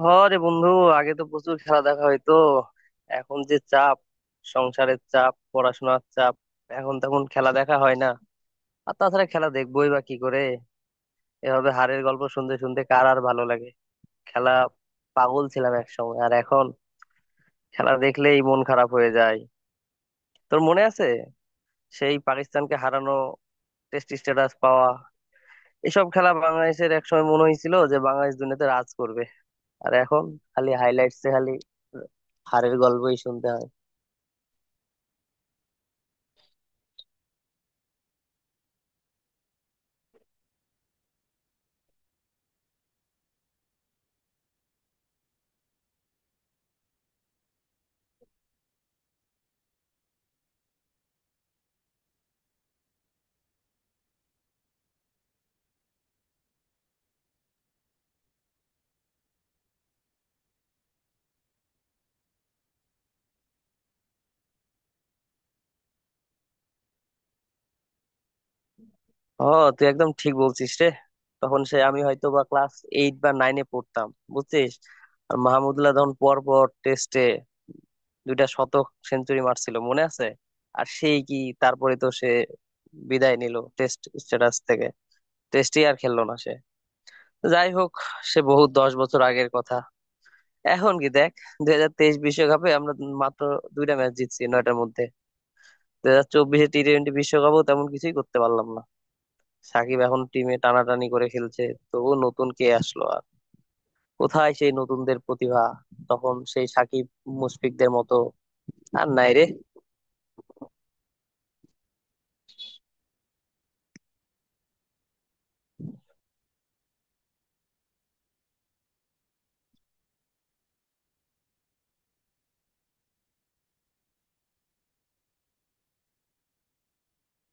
হরে বন্ধু, আগে তো প্রচুর খেলা দেখা হইতো। এখন যে চাপ, সংসারের চাপ, পড়াশোনার চাপ, এখন তখন খেলা দেখা হয় না। আর তাছাড়া খেলা দেখবোই বা কি করে? এভাবে হারের গল্প শুনতে শুনতে কার আর ভালো লাগে? খেলা পাগল ছিলাম একসময়, আর এখন খেলা দেখলেই মন খারাপ হয়ে যায়। তোর মনে আছে সেই পাকিস্তানকে হারানো, টেস্ট স্ট্যাটাস পাওয়া, এসব খেলা? বাংলাদেশের একসময় মনে হয়েছিল যে বাংলাদেশ দুনিয়াতে রাজ করবে। আর এখন খালি হাইলাইটসে খালি হারের গল্পই শুনতে হয়। ও, তুই একদম ঠিক বলছিস রে। তখন সে আমি হয়তো বা ক্লাস এইট বা নাইনে পড়তাম, বুঝছিস? আর মাহমুদুল্লাহ তখন পর পর টেস্টে দুইটা শতক সেঞ্চুরি মারছিল, মনে আছে? আর সেই কি, তারপরে তো সে বিদায় নিল টেস্ট স্ট্যাটাস থেকে, টেস্টই আর খেললো না সে। যাই হোক, সে বহু 10 বছর আগের কথা। এখন কি দেখ, 2023 বিশ্বকাপে আমরা মাত্র দুইটা ম্যাচ জিতছি নয়টার মধ্যে। 2024-এ টি টোয়েন্টি বিশ্বকাপও তেমন কিছুই করতে পারলাম না। সাকিব এখন টিমে টানাটানি করে খেলছে। ও নতুন কে আসলো আর? কোথায় সেই নতুনদের প্রতিভা? তখন সেই সাকিব মুশফিকদের মতো আর নাই রে।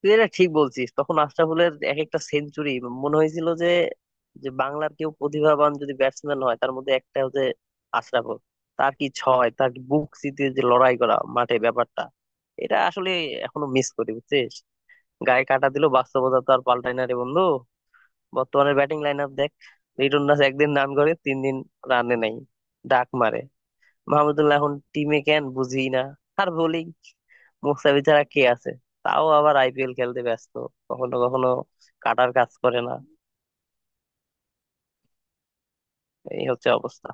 তুই এটা ঠিক বলছিস, তখন আশরাফুলের এক একটা সেঞ্চুরি মনে হয়েছিল যে যে বাংলার কেউ প্রতিভাবান যদি ব্যাটসম্যান হয়, তার মধ্যে একটা হচ্ছে আশরাফুল। তার কি ছয়, তার কি বুক চিতিয়ে যে লড়াই করা মাঠে, ব্যাপারটা এটা আসলে এখনো মিস করি, বুঝছিস? গায়ে কাটা দিল। বাস্তবতা তো আর পাল্টায় না রে বন্ধু। বর্তমানে ব্যাটিং লাইন আপ দেখ, লিটন দাস একদিন রান করে, তিন দিন রানে নাই, ডাক মারে। মাহমুদুল্লাহ এখন টিমে কেন বুঝি না। আর বোলিং, মুস্তাফিজ ছাড়া কে আছে? তাও আবার আইপিএল খেলতে ব্যস্ত। কখনো কখনো কাটার কাজ করে না। এই হচ্ছে অবস্থা।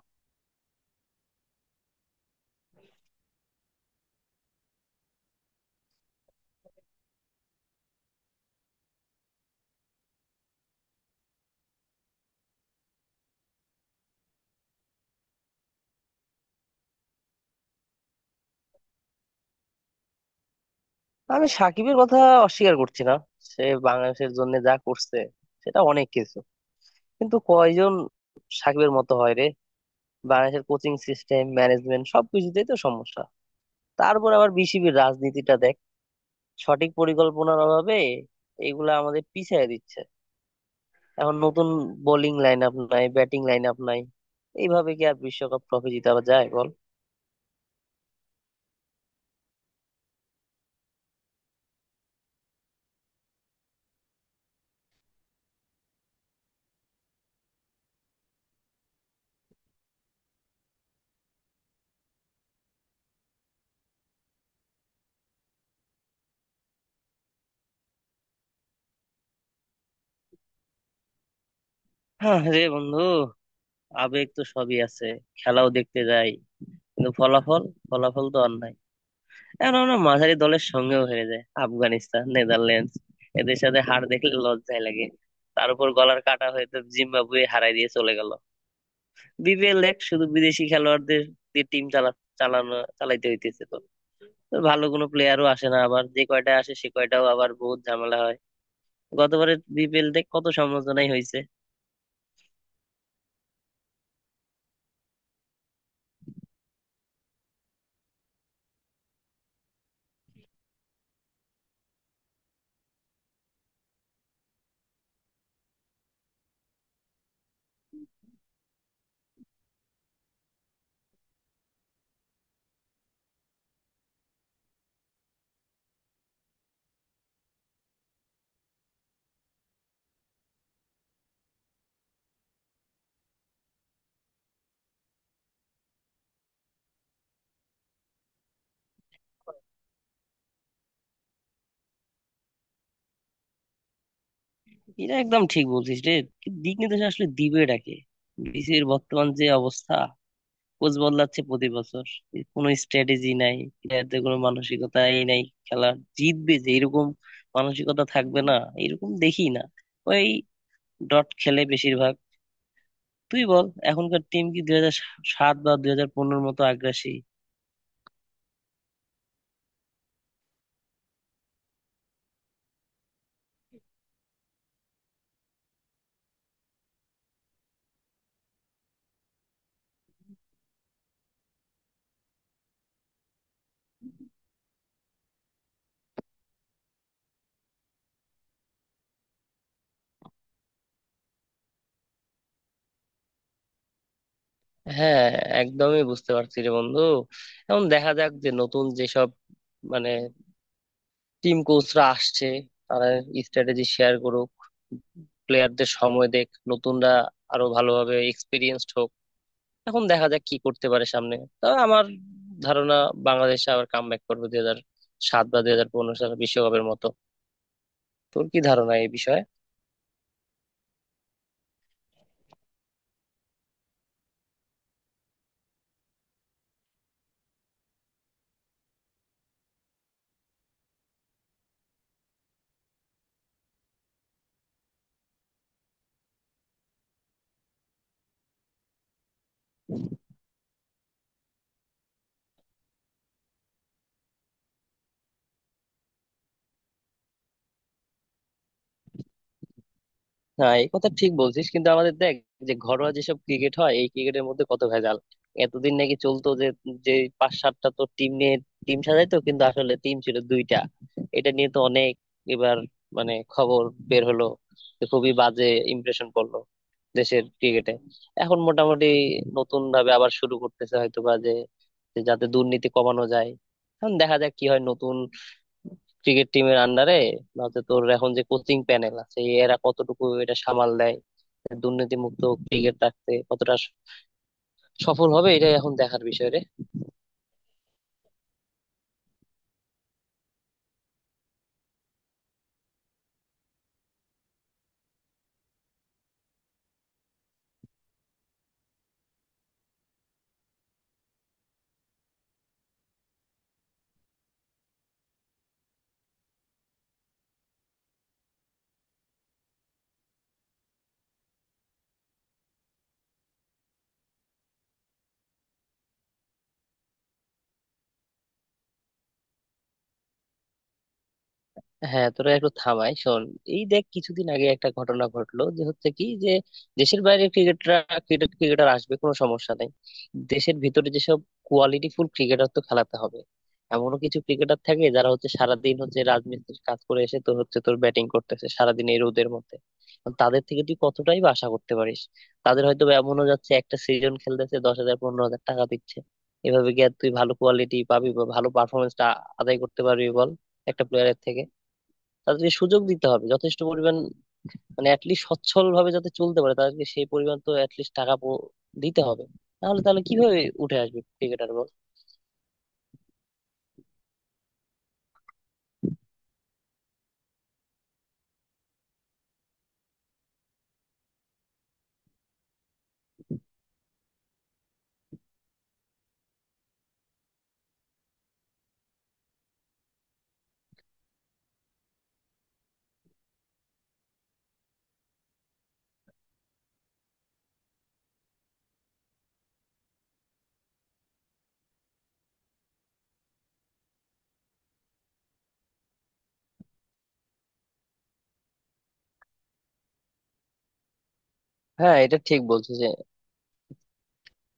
আমি সাকিবের কথা অস্বীকার করছি না, সে বাংলাদেশের জন্য যা করছে সেটা অনেক কিছু। কিন্তু কয়জন সাকিবের মতো হয় রে? বাংলাদেশের কোচিং সিস্টেম, ম্যানেজমেন্ট, সবকিছুতেই তো সমস্যা। তারপর আবার বিসিবির রাজনীতিটা দেখ, সঠিক পরিকল্পনার অভাবে এগুলা আমাদের পিছায় দিচ্ছে। এখন নতুন বোলিং লাইন আপ নাই, ব্যাটিং লাইন আপ নাই, এইভাবে কি আর বিশ্বকাপ ট্রফি জিতাবা যায় বল? হ্যাঁ রে বন্ধু, আবেগ তো সবই আছে, খেলাও দেখতে যাই, কিন্তু ফলাফল, ফলাফল তো আর নাই। এখন আমরা মাঝারি দলের সঙ্গেও হেরে যায়, আফগানিস্তান, নেদারল্যান্ডস, এদের সাথে হার দেখলে লজ্জায় লাগে। তার উপর গলার কাটা হয়ে তো জিম্বাবুয়ে হারাই দিয়ে চলে গেল। বিপিএল এক শুধু বিদেশি খেলোয়াড়দের দিয়ে টিম চালানো চালাইতে হইতেছে তো। তো ভালো কোনো প্লেয়ারও আসে না, আবার যে কয়টা আসে সে কয়টাও আবার বহুত ঝামেলা হয়। গতবারের বিপিএল দেখ কত সমালোচনাই হয়েছে। এটা একদম ঠিক বলছিস রে, কিন্তু দিক নির্দেশ আসলে দিবে ডাকে। বিসিবির বর্তমান যে অবস্থা, কোচ বদলাচ্ছে প্রতি বছর, কোনো স্ট্র্যাটেজি নাই, প্লেয়ারদের কোনো মানসিকতা এই নাই। খেলা জিতবে যে এরকম মানসিকতা থাকবে না, এরকম দেখি না। ওই ডট খেলে বেশিরভাগ। তুই বল, এখনকার টিম কি 2007 বা 2015-র মতো আগ্রাসী? হ্যাঁ, একদমই বুঝতে পারছি রে বন্ধু। এখন দেখা যাক যে নতুন যেসব, মানে, টিম কোচরা আসছে, তারা স্ট্র্যাটেজি শেয়ার করুক, প্লেয়ারদের সময় দেখ, নতুনরা আরো ভালোভাবে এক্সপিরিয়েন্সড হোক, এখন দেখা যাক কি করতে পারে সামনে। তবে আমার ধারণা, বাংলাদেশ আবার কামব্যাক করবে 2007 বা দুই হাজার পনেরো সালে বিশ্বকাপের মতো। তোর কি ধারণা এই বিষয়ে? হ্যাঁ এই কথা ঠিক বলছিস, কিন্তু আমাদের দেখ, যে ঘরোয়া যেসব ক্রিকেট হয় এই ক্রিকেটের মধ্যে কত ভেজাল। এতদিন নাকি চলতো যে, যে পাঁচ সাতটা তো টিম নিয়ে টিম সাজাইতো, কিন্তু আসলে টিম ছিল দুইটা। এটা নিয়ে তো অনেক, এবার, মানে, খবর বের হলো যে, খুবই বাজে ইমপ্রেশন পড়লো দেশের ক্রিকেটে। এখন মোটামুটি নতুন ভাবে আবার শুরু করতেছে হয়তো বা, যে যে যাতে দুর্নীতি কমানো যায়। এখন দেখা যাক কি হয় নতুন ক্রিকেট টিমের আন্ডারে, বা হচ্ছে তোর এখন যে কোচিং প্যানেল আছে এরা কতটুকু এটা সামাল দেয়, দুর্নীতি মুক্ত ক্রিকেট রাখতে কতটা সফল হবে, এটা এখন দেখার বিষয় রে। হ্যাঁ তোরা একটু থামাই শোন। এই দেখ কিছুদিন আগে একটা ঘটনা ঘটলো যে, হচ্ছে কি, যে দেশের বাইরে ক্রিকেটার, ক্রিকেটার আসবে কোনো সমস্যা নেই, দেশের ভিতরে যেসব কোয়ালিটি ফুল ক্রিকেটার তো খেলাতে হবে। এমনও কিছু ক্রিকেটার থাকে যারা হচ্ছে সারাদিন হচ্ছে রাজমিস্ত্রির কাজ করে এসে তোর ব্যাটিং করতেছে সারাদিন এই রোদের মধ্যে। এখন তাদের থেকে তুই কতটাই বা আশা করতে পারিস? তাদের হয়তো বা এমনও যাচ্ছে, একটা সিজন খেলতেছে 10,000 15,000 টাকা দিচ্ছে। এভাবে গিয়ে তুই ভালো কোয়ালিটি পাবি, বা ভালো পারফরমেন্সটা আদায় করতে পারবি বল, একটা প্লেয়ারের থেকে? তাদেরকে সুযোগ দিতে হবে যথেষ্ট পরিমাণ, মানে অ্যাটলিস্ট সচ্ছল ভাবে যাতে চলতে পারে তাদেরকে সেই পরিমাণ তো অ্যাটলিস্ট দিতে হবে। তাহলে তাহলে কিভাবে উঠে আসবে ক্রিকেটার বল? হ্যাঁ এটা ঠিক বলছো যে,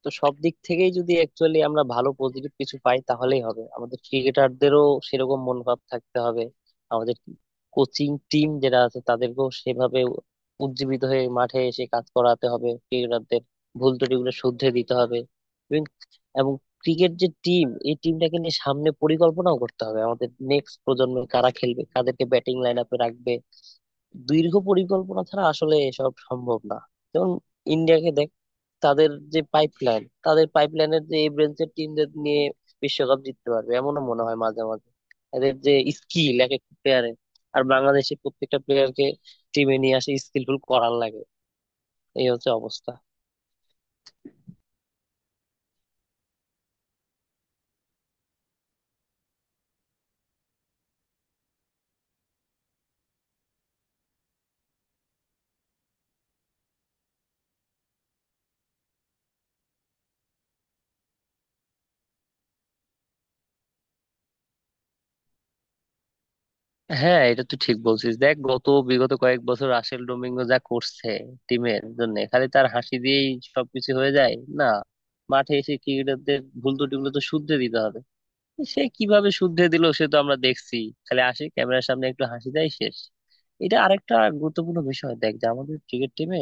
তো সব দিক থেকেই যদি অ্যাকচুয়ালি আমরা ভালো পজিটিভ কিছু পাই তাহলেই হবে। আমাদের ক্রিকেটারদেরও সেরকম মনোভাব থাকতে হবে। আমাদের কোচিং টিম যারা আছে তাদেরকেও সেভাবে উজ্জীবিত হয়ে মাঠে এসে কাজ করাতে হবে ক্রিকেটারদের, ভুল ত্রুটিগুলো শুধরে দিতে হবে। এবং এবং ক্রিকেট যে টিম, এই টিমটাকে নিয়ে সামনে পরিকল্পনাও করতে হবে, আমাদের নেক্সট প্রজন্মে কারা খেলবে, কাদেরকে ব্যাটিং লাইন আপে রাখবে। দীর্ঘ পরিকল্পনা ছাড়া আসলে এসব সম্ভব না। যেমন ইন্ডিয়াকে দেখ, তাদের যে পাইপলাইন, তাদের পাইপলাইনের যে এই ব্রেনসের টিমদের নিয়ে বিশ্বকাপ জিততে পারবে এমনও মনে হয় মাঝে মাঝে, এদের যে স্কিল এক একটা প্লেয়ারের। আর বাংলাদেশে প্রত্যেকটা প্লেয়ারকে টিমে নিয়ে আসে স্কিলফুল করার লাগে। এই হচ্ছে অবস্থা। হ্যাঁ এটা তুই ঠিক বলছিস, দেখ গত বিগত কয়েক বছর রাসেল ডোমিঙ্গো যা করছে টিমের জন্য, খালি তার হাসি দিয়েই সবকিছু হয়ে যায় না। মাঠে এসে ক্রিকেটারদের ভুল ত্রুটিগুলো তো শুধরে দিতে হবে, সে কিভাবে শুদ্ধে দিল সে তো আমরা দেখছি, খালি আসি ক্যামেরার সামনে একটু হাসি দেয়, শেষ। এটা আরেকটা গুরুত্বপূর্ণ বিষয় দেখ, যে আমাদের ক্রিকেট টিমে,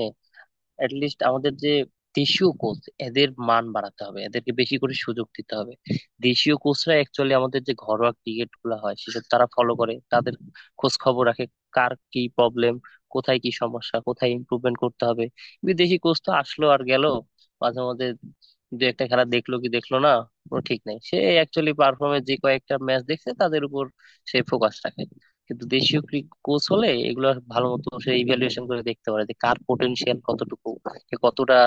লিস্ট আমাদের যে দেশীয় কোচ, এদের মান বাড়াতে হবে, এদেরকে বেশি করে সুযোগ দিতে হবে। দেশীয় কোচরা অ্যাকচুয়ালি আমাদের যে ঘরোয়া ক্রিকেট গুলা হয় সেসব তারা ফলো করে, তাদের খোঁজ খবর রাখে, কার কি প্রবলেম, কোথায় কি সমস্যা, কোথায় ইমপ্রুভমেন্ট করতে হবে। বিদেশি কোচ তো আসলো আর গেল, মাঝে মাঝে দু একটা খেলা দেখলো কি দেখলো না, কোনো ঠিক নাই। সে অ্যাকচুয়ালি পারফর্মে যে কয়েকটা ম্যাচ দেখছে তাদের উপর সে ফোকাস রাখে, কিন্তু দেশীয় কোচ হলে এগুলা ভালো মতো সে ইভ্যালুয়েশন করে দেখতে পারে, যে কার পোটেনশিয়াল কতটুকু, কে কতটা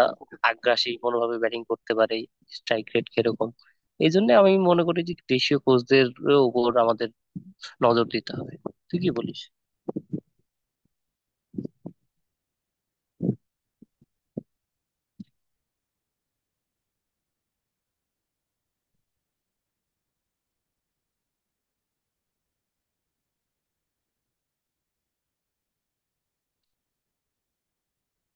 আগ্রাসী কোনোভাবে ব্যাটিং করতে পারে, স্ট্রাইক রেট কিরকম। এই জন্য আমি মনে করি যে দেশীয় কোচদের উপর আমাদের নজর দিতে হবে। তুই কি বলিস?